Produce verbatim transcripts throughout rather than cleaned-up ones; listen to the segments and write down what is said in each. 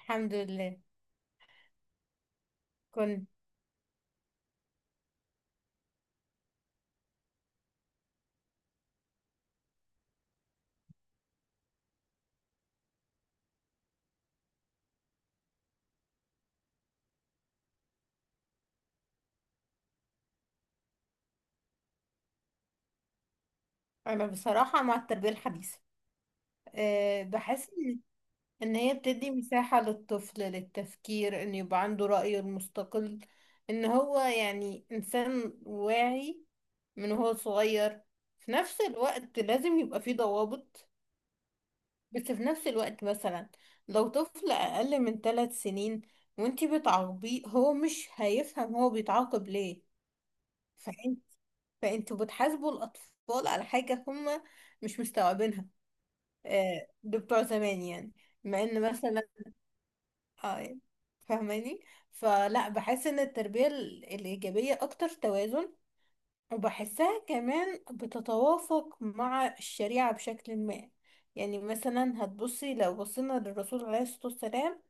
الحمد لله. كنت انا بصراحه مع التربيه الحديثه. أه بحس ان إن هي بتدي مساحه للطفل للتفكير ان يبقى عنده رايه المستقل، ان هو يعني انسان واعي من هو صغير. في نفس الوقت لازم يبقى فيه ضوابط، بس في نفس الوقت مثلا لو طفل اقل من ثلاث سنين وانتي بتعاقبيه هو مش هيفهم هو بيتعاقب ليه، فانتوا بتحاسبوا الاطفال على حاجه هم مش مستوعبينها. آه، ده بتوع زمان يعني، مع ان مثلا، اه فاهماني. فلا بحس ان التربيه ال- الايجابيه اكتر توازن، وبحسها كمان بتتوافق مع الشريعه بشكل ما. يعني مثلا هتبصي، لو بصينا للرسول عليه الصلاه والسلام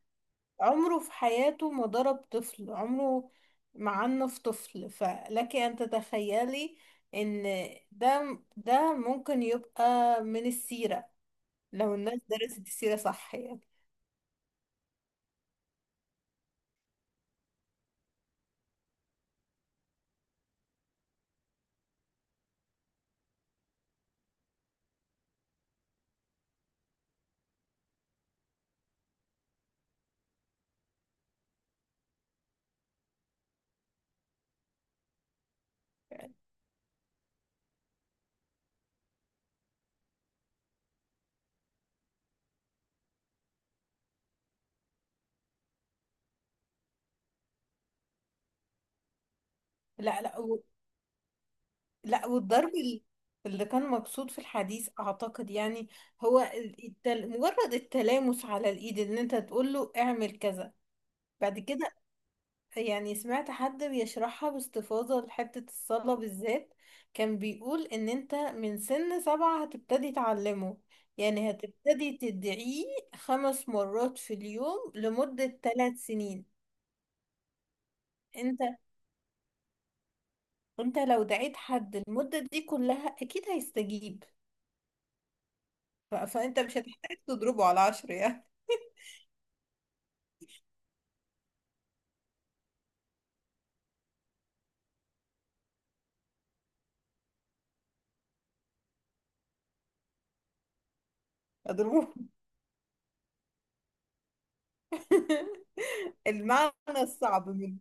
عمره في حياته ما ضرب طفل، عمره ما عنف طفل. فلك أن تتخيلي إن ده ده ممكن يبقى من السيرة لو الناس درست السيرة صح يعني. لا لا و... لا، والضرب ال- اللي كان مقصود في الحديث أعتقد يعني هو ال- التل... مجرد التلامس على الإيد، إن أنت تقول له اعمل كذا بعد كده. يعني سمعت حد بيشرحها باستفاضة لحتة الصلاة بالذات، كان بيقول ان انت من سن سبعة هتبتدي تعلمه، يعني هتبتدي تدعيه خمس مرات في اليوم لمدة ثلاث سنين. انت انت لو دعيت حد المدة دي كلها اكيد هيستجيب، ف... فانت مش هتحتاج تضربه على عشر يعني. اضربه المعنى الصعب منه.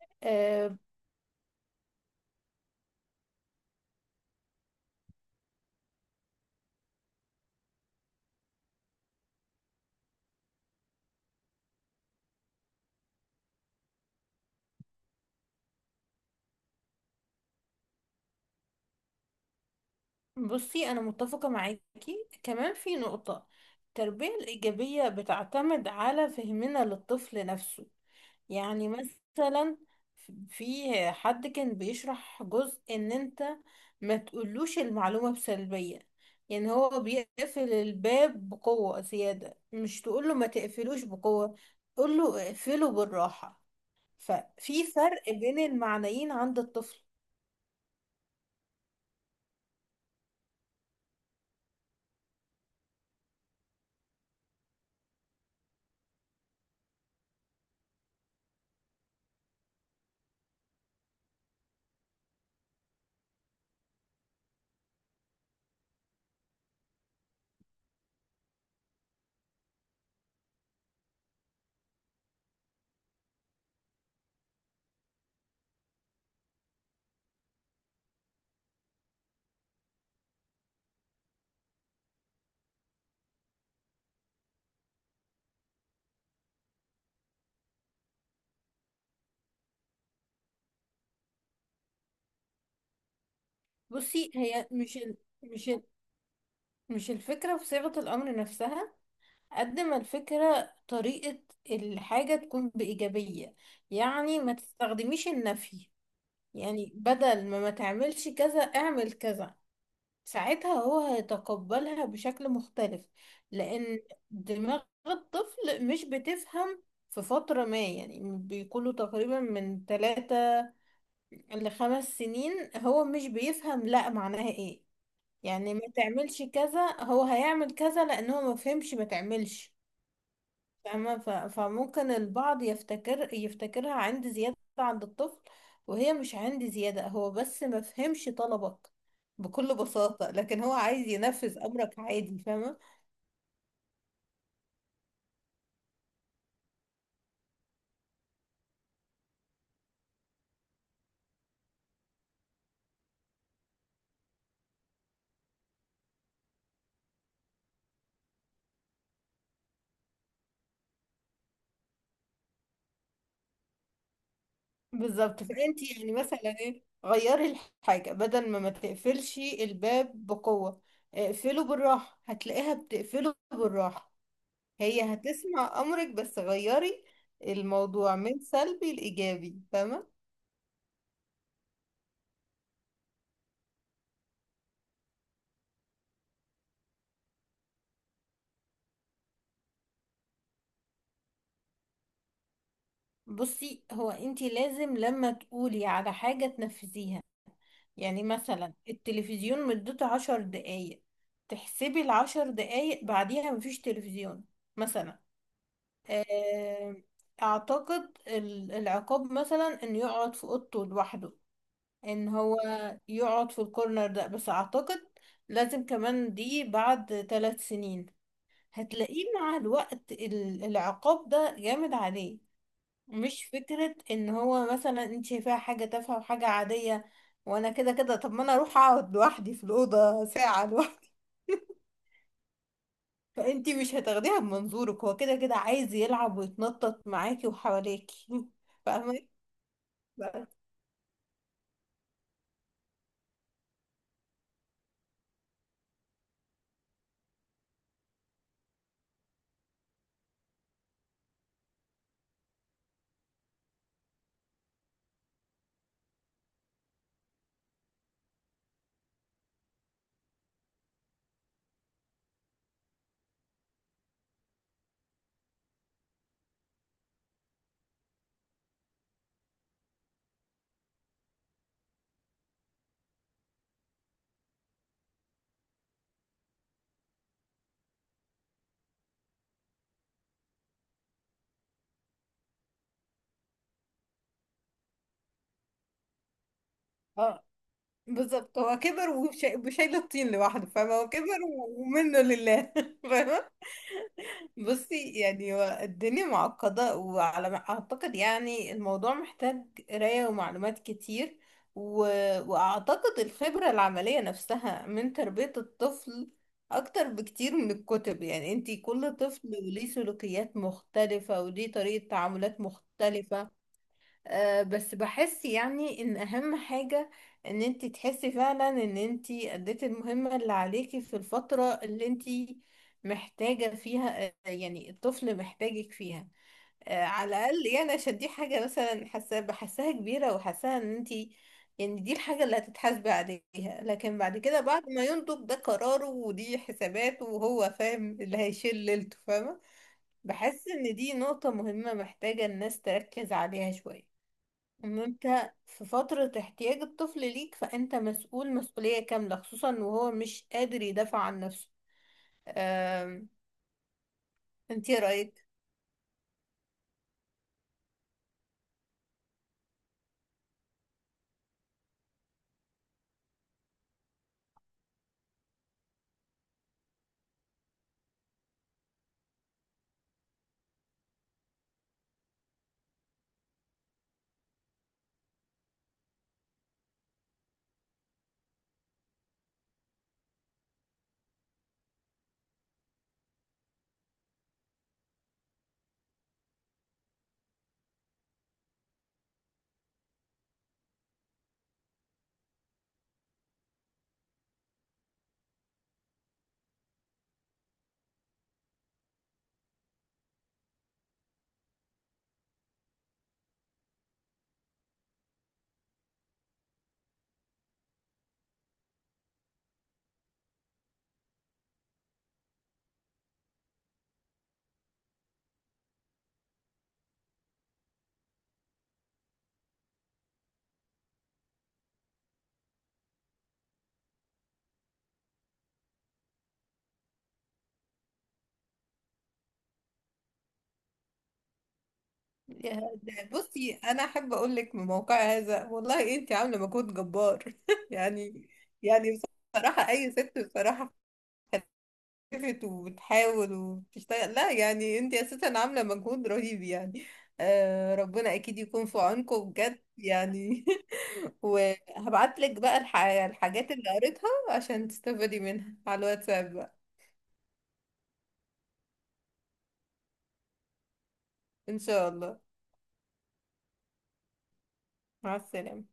بصي أنا متفقة معاكي كمان في نقطة، التربية الإيجابية بتعتمد على فهمنا للطفل نفسه. يعني مثلا في حد كان بيشرح جزء ان انت ما تقولوش المعلومة بسلبية، يعني هو بيقفل الباب بقوة زيادة، مش تقوله ما تقفلوش بقوة، تقوله اقفله بالراحة. ففي فرق بين المعنيين عند الطفل. بصي هي مش ال... مش ال... مش الفكرة في صيغة الأمر نفسها، قد ما الفكرة طريقة الحاجة تكون بإيجابية، يعني ما تستخدميش النفي. يعني بدل ما ما تعملش كذا، اعمل كذا. ساعتها هو هيتقبلها بشكل مختلف، لأن دماغ الطفل مش بتفهم في فترة ما. يعني بيكونوا تقريبا من ثلاثة لخمس سنين هو مش بيفهم لا معناها ايه. يعني ما تعملش كذا هو هيعمل كذا، لان هو ما فهمش ما تعملش. فاهمة؟ ف- فممكن البعض يفتكر يفتكرها عند زيادة عند الطفل، وهي مش عند زيادة، هو بس ما فهمش طلبك بكل بساطة، لكن هو عايز ينفذ امرك عادي. فاهمة؟ بالظبط، فانتي يعني مثلا ايه، غيري الحاجة، بدل ما ما تقفلش الباب بقوة، اقفله بالراحة، هتلاقيها بتقفله بالراحة. هي هتسمع امرك، بس غيري الموضوع من سلبي لايجابي. فاهمه؟ بصي هو انتي لازم لما تقولي على حاجة تنفذيها، يعني مثلا التلفزيون مدته عشر دقايق، تحسبي العشر دقايق بعديها مفيش تلفزيون مثلا. آه، اعتقد ال- العقاب مثلا انه يقعد في اوضته لوحده، ان هو يقعد في الكورنر ده، بس اعتقد لازم كمان دي بعد ثلاث سنين. هتلاقيه مع الوقت ال- العقاب ده جامد عليه، مش فكرة ان هو مثلا انت شايفاها حاجة تافهة وحاجة عادية وانا كده كده، طب ما انا اروح اقعد لوحدي في الأوضة ساعة لوحدي. فانت مش هتاخديها بمنظورك، هو كده كده عايز يلعب ويتنطط معاكي وحواليكي. فاهمة؟ بس- اه بالظبط، هو كبر وشا- وشايل الطين لوحده، فاهمة، هو كبر و- ومنه لله. فاهمة؟ بصي يعني هو الدنيا معقدة، وعلى ما أعتقد يعني الموضوع محتاج قراية ومعلومات كتير و... وأعتقد الخبرة العملية نفسها من تربية الطفل أكتر بكتير من الكتب. يعني انتي كل طفل وليه سلوكيات مختلفة وليه طريقة تعاملات مختلفة. آه، بس بحس يعني ان اهم حاجة ان انتي تحسي فعلا ان انتي اديتي المهمة اللي عليكي في الفترة اللي انتي محتاجة فيها، آه، يعني الطفل محتاجك فيها، آه، على الاقل يعني، عشان دي حاجة مثلا حاسة بحسها كبيرة وحاساها، ان انتي يعني دي الحاجة اللي هتتحاسبي عليها. لكن بعد كده بعد ما ينضج، ده قراره ودي حساباته وهو فاهم اللي هيشيل ليلته. فاهمة؟ بحس ان دي نقطة مهمة محتاجة الناس تركز عليها شوية، ان انت في فترة احتياج الطفل ليك فانت مسؤول مسؤولية كاملة، خصوصا وهو مش قادر يدافع عن نفسه. أم... انت ايه رأيك؟ يا- ده- بصي انا احب اقول لك من موقع هذا، والله انت عاملة مجهود جبار يعني. يعني بصراحة اي ست بصراحة خلفت وبتحاول وبتشتغل، لا يعني انت اساسا عاملة مجهود رهيب يعني. أه ربنا اكيد يكون في عونكم بجد يعني. وهبعت لك بقى الح... الحاجات اللي قريتها عشان تستفادي منها على الواتساب بقى. ان شاء الله. مع السلامة.